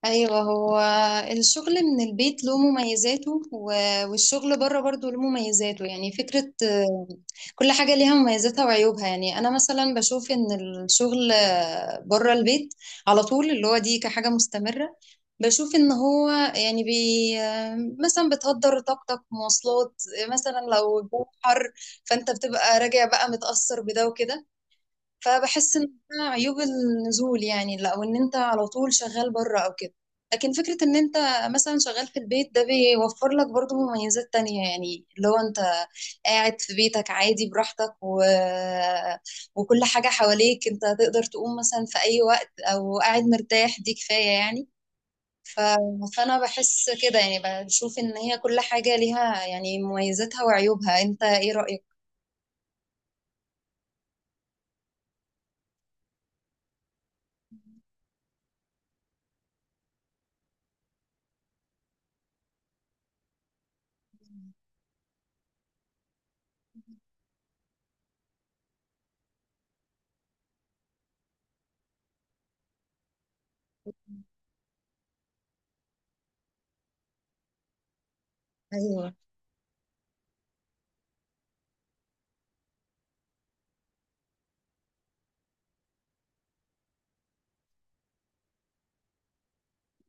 ايوه، هو الشغل من البيت له مميزاته والشغل بره برضه له مميزاته، يعني فكرة. كل حاجة ليها مميزاتها وعيوبها، يعني انا مثلا بشوف ان الشغل بره البيت على طول، اللي هو دي كحاجة مستمرة. بشوف ان هو يعني بي آه، مثلا بتهدر طاقتك مواصلات، مثلا لو الجو حر، فانت بتبقى راجع بقى متأثر بده وكده. فبحس ان ده عيوب النزول، يعني لا، وان انت على طول شغال بره او كده. لكن فكرة ان انت مثلا شغال في البيت، ده بيوفر لك برضو مميزات تانية، يعني لو انت قاعد في بيتك عادي براحتك وكل حاجة حواليك، انت تقدر تقوم مثلا في اي وقت او قاعد مرتاح، دي كفاية يعني. ف... فانا بحس كده، يعني بشوف ان هي كل حاجة ليها يعني مميزاتها وعيوبها. انت ايه رأيك؟ ايوه.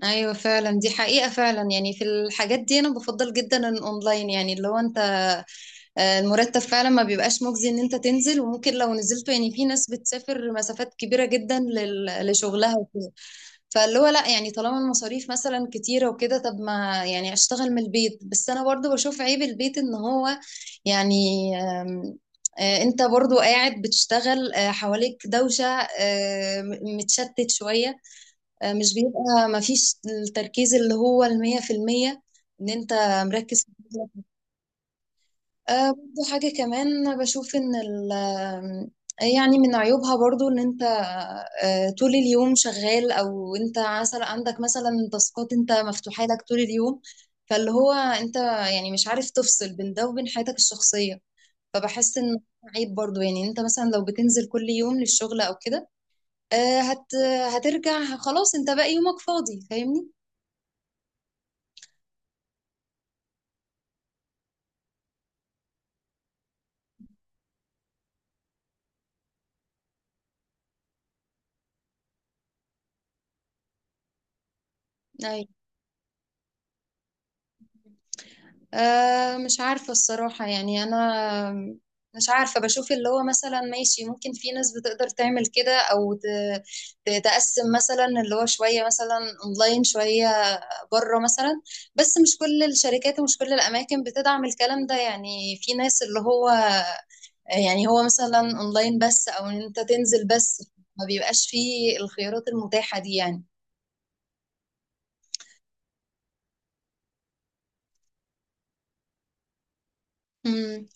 ايوه فعلا، دي حقيقة فعلا، يعني في الحاجات دي انا بفضل جدا الاونلاين. يعني اللي هو انت المرتب فعلا ما بيبقاش مجزي ان انت تنزل، وممكن لو نزلت يعني في ناس بتسافر مسافات كبيرة جدا لشغلها وكده. فاللي هو لا، يعني طالما المصاريف مثلا كتيرة وكده، طب ما يعني اشتغل من البيت. بس انا برضو بشوف عيب البيت ان هو يعني آم، انت برضو قاعد بتشتغل، حواليك دوشة، متشتت شوية، مش بيبقى مفيش التركيز اللي هو 100%، ان انت مركز في شغلك. برضو حاجة كمان بشوف ان ال آه، يعني من عيوبها برضو ان انت طول اليوم شغال، او انت مثلا عندك مثلا تاسكات انت مفتوحة لك طول اليوم، فاللي هو انت يعني مش عارف تفصل بين ده وبين حياتك الشخصية. فبحس ان عيب برضو، يعني انت مثلا لو بتنزل كل يوم للشغل او كده، آه، هت هترجع خلاص، انت باقي يومك فاضي، فاهمني؟ أه، مش عارفة الصراحة، يعني أنا مش عارفة. بشوف اللي هو مثلا ماشي، ممكن في ناس بتقدر تعمل كده، أو تقسم مثلا اللي هو شوية مثلا أونلاين شوية بره مثلا. بس مش كل الشركات ومش كل الأماكن بتدعم الكلام ده، يعني في ناس اللي هو يعني هو مثلا أونلاين بس، أو إن أنت تنزل بس، ما بيبقاش فيه الخيارات المتاحة دي يعني. مم.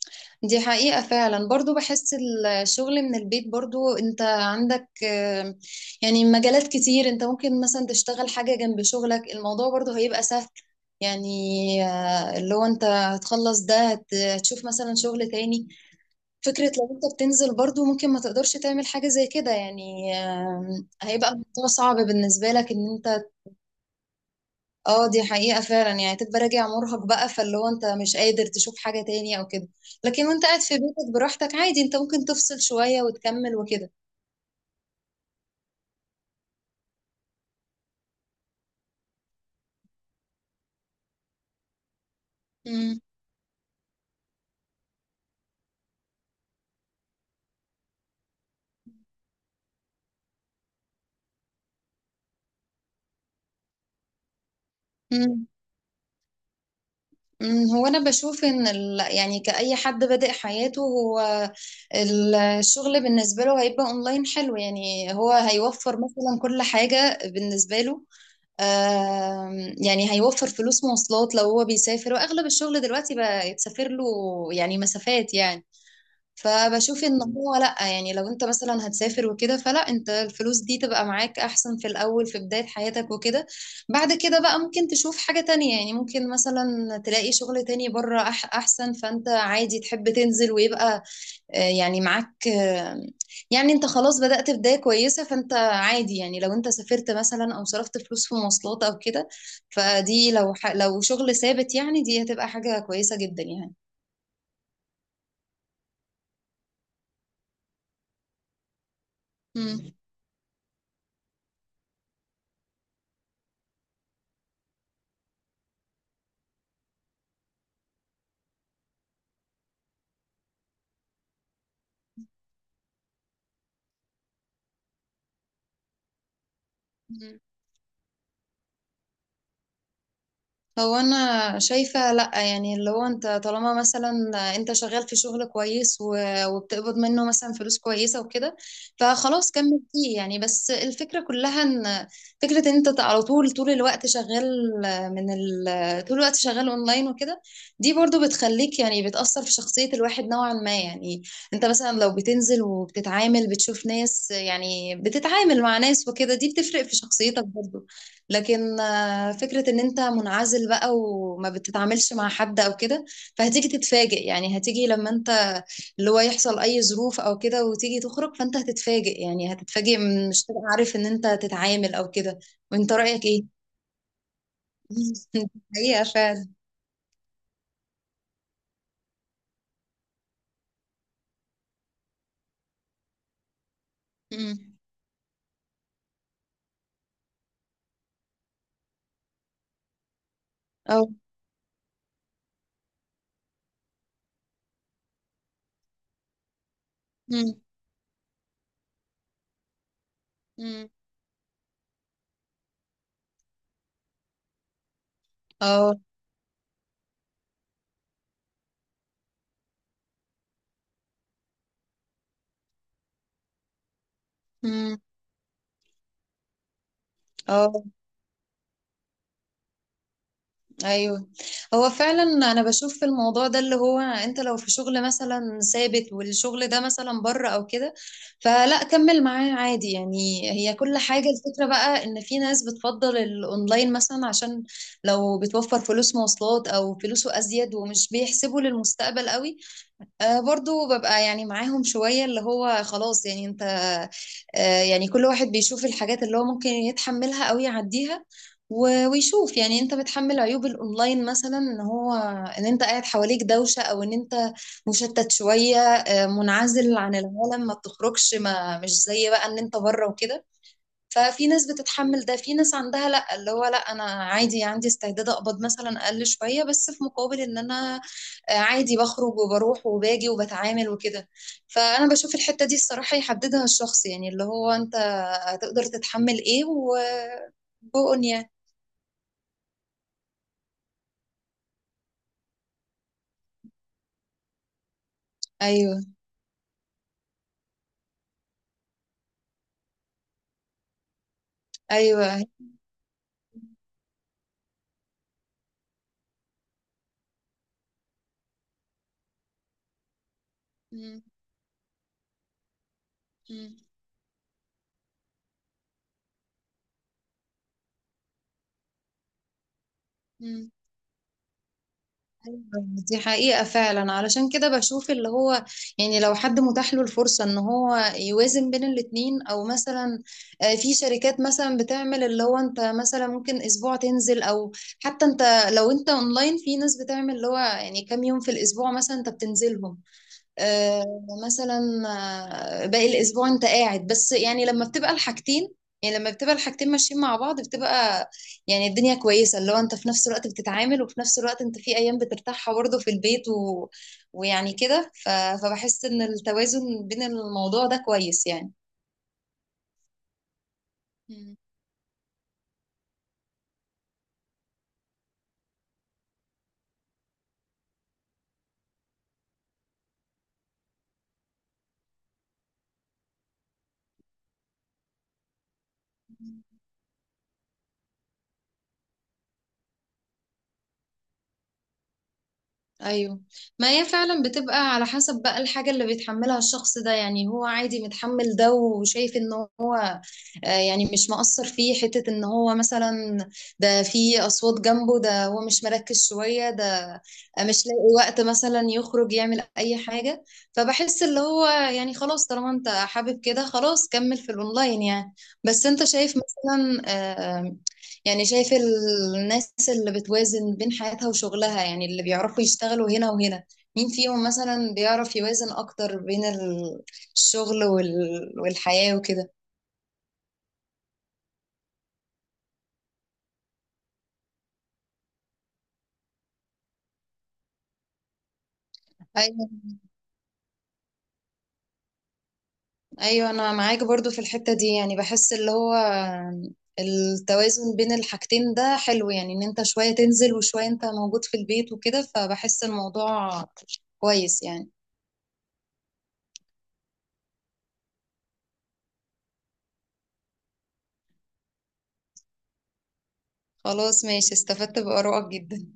دي حقيقة فعلا، برضو بحس الشغل من البيت برضو انت عندك يعني مجالات كتير انت ممكن مثلا تشتغل حاجة جنب شغلك، الموضوع برضو هيبقى سهل يعني. اللي هو انت هتخلص ده هتشوف مثلا شغل تاني. فكرة لو انت بتنزل برضو، ممكن ما تقدرش تعمل حاجة زي كده يعني، هيبقى الموضوع صعب بالنسبة لك ان انت. اه، دي حقيقة فعلا، يعني تبقى راجع مرهق بقى، فاللي هو انت مش قادر تشوف حاجة تاني او كده. لكن وانت قاعد في بيتك براحتك عادي، انت ممكن تفصل شوية وتكمل وكده. مم. مم. مم. هو انا بشوف ان يعني كأي حد بادئ حياته، هو الشغل بالنسبة له هيبقى اونلاين حلو، يعني هو هيوفر مثلا كل حاجة بالنسبة له. آم، يعني هيوفر فلوس مواصلات لو هو بيسافر، واغلب الشغل دلوقتي بقى يتسافر له يعني مسافات يعني. فبشوف ان هو لا، يعني لو انت مثلا هتسافر وكده، فلا انت الفلوس دي تبقى معاك احسن في الاول في بداية حياتك وكده. بعد كده بقى ممكن تشوف حاجة تانية، يعني ممكن مثلا تلاقي شغل تاني بره احسن، فانت عادي تحب تنزل ويبقى يعني معاك، يعني انت خلاص بدأت بداية كويسة، فانت عادي. يعني لو انت سافرت مثلا او صرفت فلوس في مواصلات او كده، فدي لو لو شغل ثابت يعني، دي هتبقى حاجة كويسة جدا يعني. مم. هو انا شايفة لا، يعني اللي هو انت طالما مثلا انت شغال في شغل كويس وبتقبض منه مثلا فلوس كويسة وكده، فخلاص كمل فيه يعني. بس الفكرة كلها ان فكرة ان انت على طول طول الوقت شغال، طول الوقت شغال اونلاين وكده، دي برضو بتخليك يعني بتأثر في شخصية الواحد نوعا ما يعني. انت مثلا لو بتنزل وبتتعامل بتشوف ناس، يعني بتتعامل مع ناس وكده، دي بتفرق في شخصيتك برضو. لكن فكرة ان انت منعزل بقى وما بتتعاملش مع حد او كده، فهتيجي تتفاجئ. يعني هتيجي لما انت اللي هو يحصل اي ظروف او كده وتيجي تخرج، فانت هتتفاجئ. يعني هتتفاجئ مش تبقى عارف ان انت تتعامل او كده. وانت رأيك ايه؟ حقيقة فعلا. مم. اه. مم. مم. اه. مم. اه. ايوه، هو فعلا انا بشوف في الموضوع ده اللي هو انت لو في شغل مثلا ثابت، والشغل ده مثلا بره او كده، فلا كمل معاه عادي يعني. هي كل حاجة، الفكرة بقى ان في ناس بتفضل الاونلاين مثلا عشان لو بتوفر فلوس مواصلات او فلوسه ازيد ومش بيحسبوا للمستقبل قوي. برضو ببقى يعني معاهم شوية، اللي هو خلاص يعني انت يعني كل واحد بيشوف الحاجات اللي هو ممكن يتحملها او يعديها ويشوف. يعني انت بتحمل عيوب الاونلاين مثلا ان هو ان انت قاعد حواليك دوشة، او ان انت مشتت شوية، منعزل عن العالم ما بتخرجش، ما مش زي بقى ان انت بره وكده. ففي ناس بتتحمل ده، في ناس عندها لا، اللي هو لا، انا عادي عندي استعداد اقبض مثلا اقل شوية بس في مقابل ان انا عادي بخرج وبروح وباجي وبتعامل وكده. فانا بشوف الحتة دي الصراحة يحددها الشخص، يعني اللي هو انت هتقدر تتحمل ايه و بقن يعني. ايوه. ايوه. مم. مم. أيوة، دي حقيقة فعلا. علشان كده بشوف اللي هو يعني لو حد متاح له الفرصة ان هو يوازن بين الاتنين، او مثلا في شركات مثلا بتعمل اللي هو انت مثلا ممكن اسبوع تنزل، او حتى انت لو انت اونلاين في ناس بتعمل اللي هو يعني كام يوم في الاسبوع مثلا انت بتنزلهم، آه، مثلا باقي الاسبوع انت قاعد بس. يعني لما بتبقى الحاجتين، ماشيين مع بعض، بتبقى يعني الدنيا كويسة، اللي هو انت في نفس الوقت بتتعامل، وفي نفس الوقت انت في ايام بترتاحها برضه في البيت ويعني كده. فبحس ان التوازن بين الموضوع ده كويس يعني. مم. ايوه. ما هي فعلا بتبقى على حسب بقى الحاجة اللي بيتحملها الشخص ده، يعني هو عادي متحمل ده وشايف ان هو يعني مش مقصر فيه حتة ان هو مثلا ده في اصوات جنبه ده، هو مش مركز شوية ده، مش لاقي وقت مثلا يخرج يعمل اي حاجة. فبحس اللي هو يعني خلاص، طالما انت حابب كده، خلاص كمل في الاونلاين يعني. بس انت شايف مثلا آه، يعني شايف الناس اللي بتوازن بين حياتها وشغلها، يعني اللي بيعرفوا يشتغلوا هنا وهنا، مين فيهم مثلا بيعرف يوازن اكتر بين الشغل والحياة وكده؟ ايوه. ايوه انا معاك برضو في الحتة دي، يعني بحس اللي هو التوازن بين الحاجتين ده حلو، يعني ان انت شوية تنزل وشوية انت موجود في البيت وكده، فبحس الموضوع كويس يعني. خلاص ماشي، استفدت بآرائك جدا.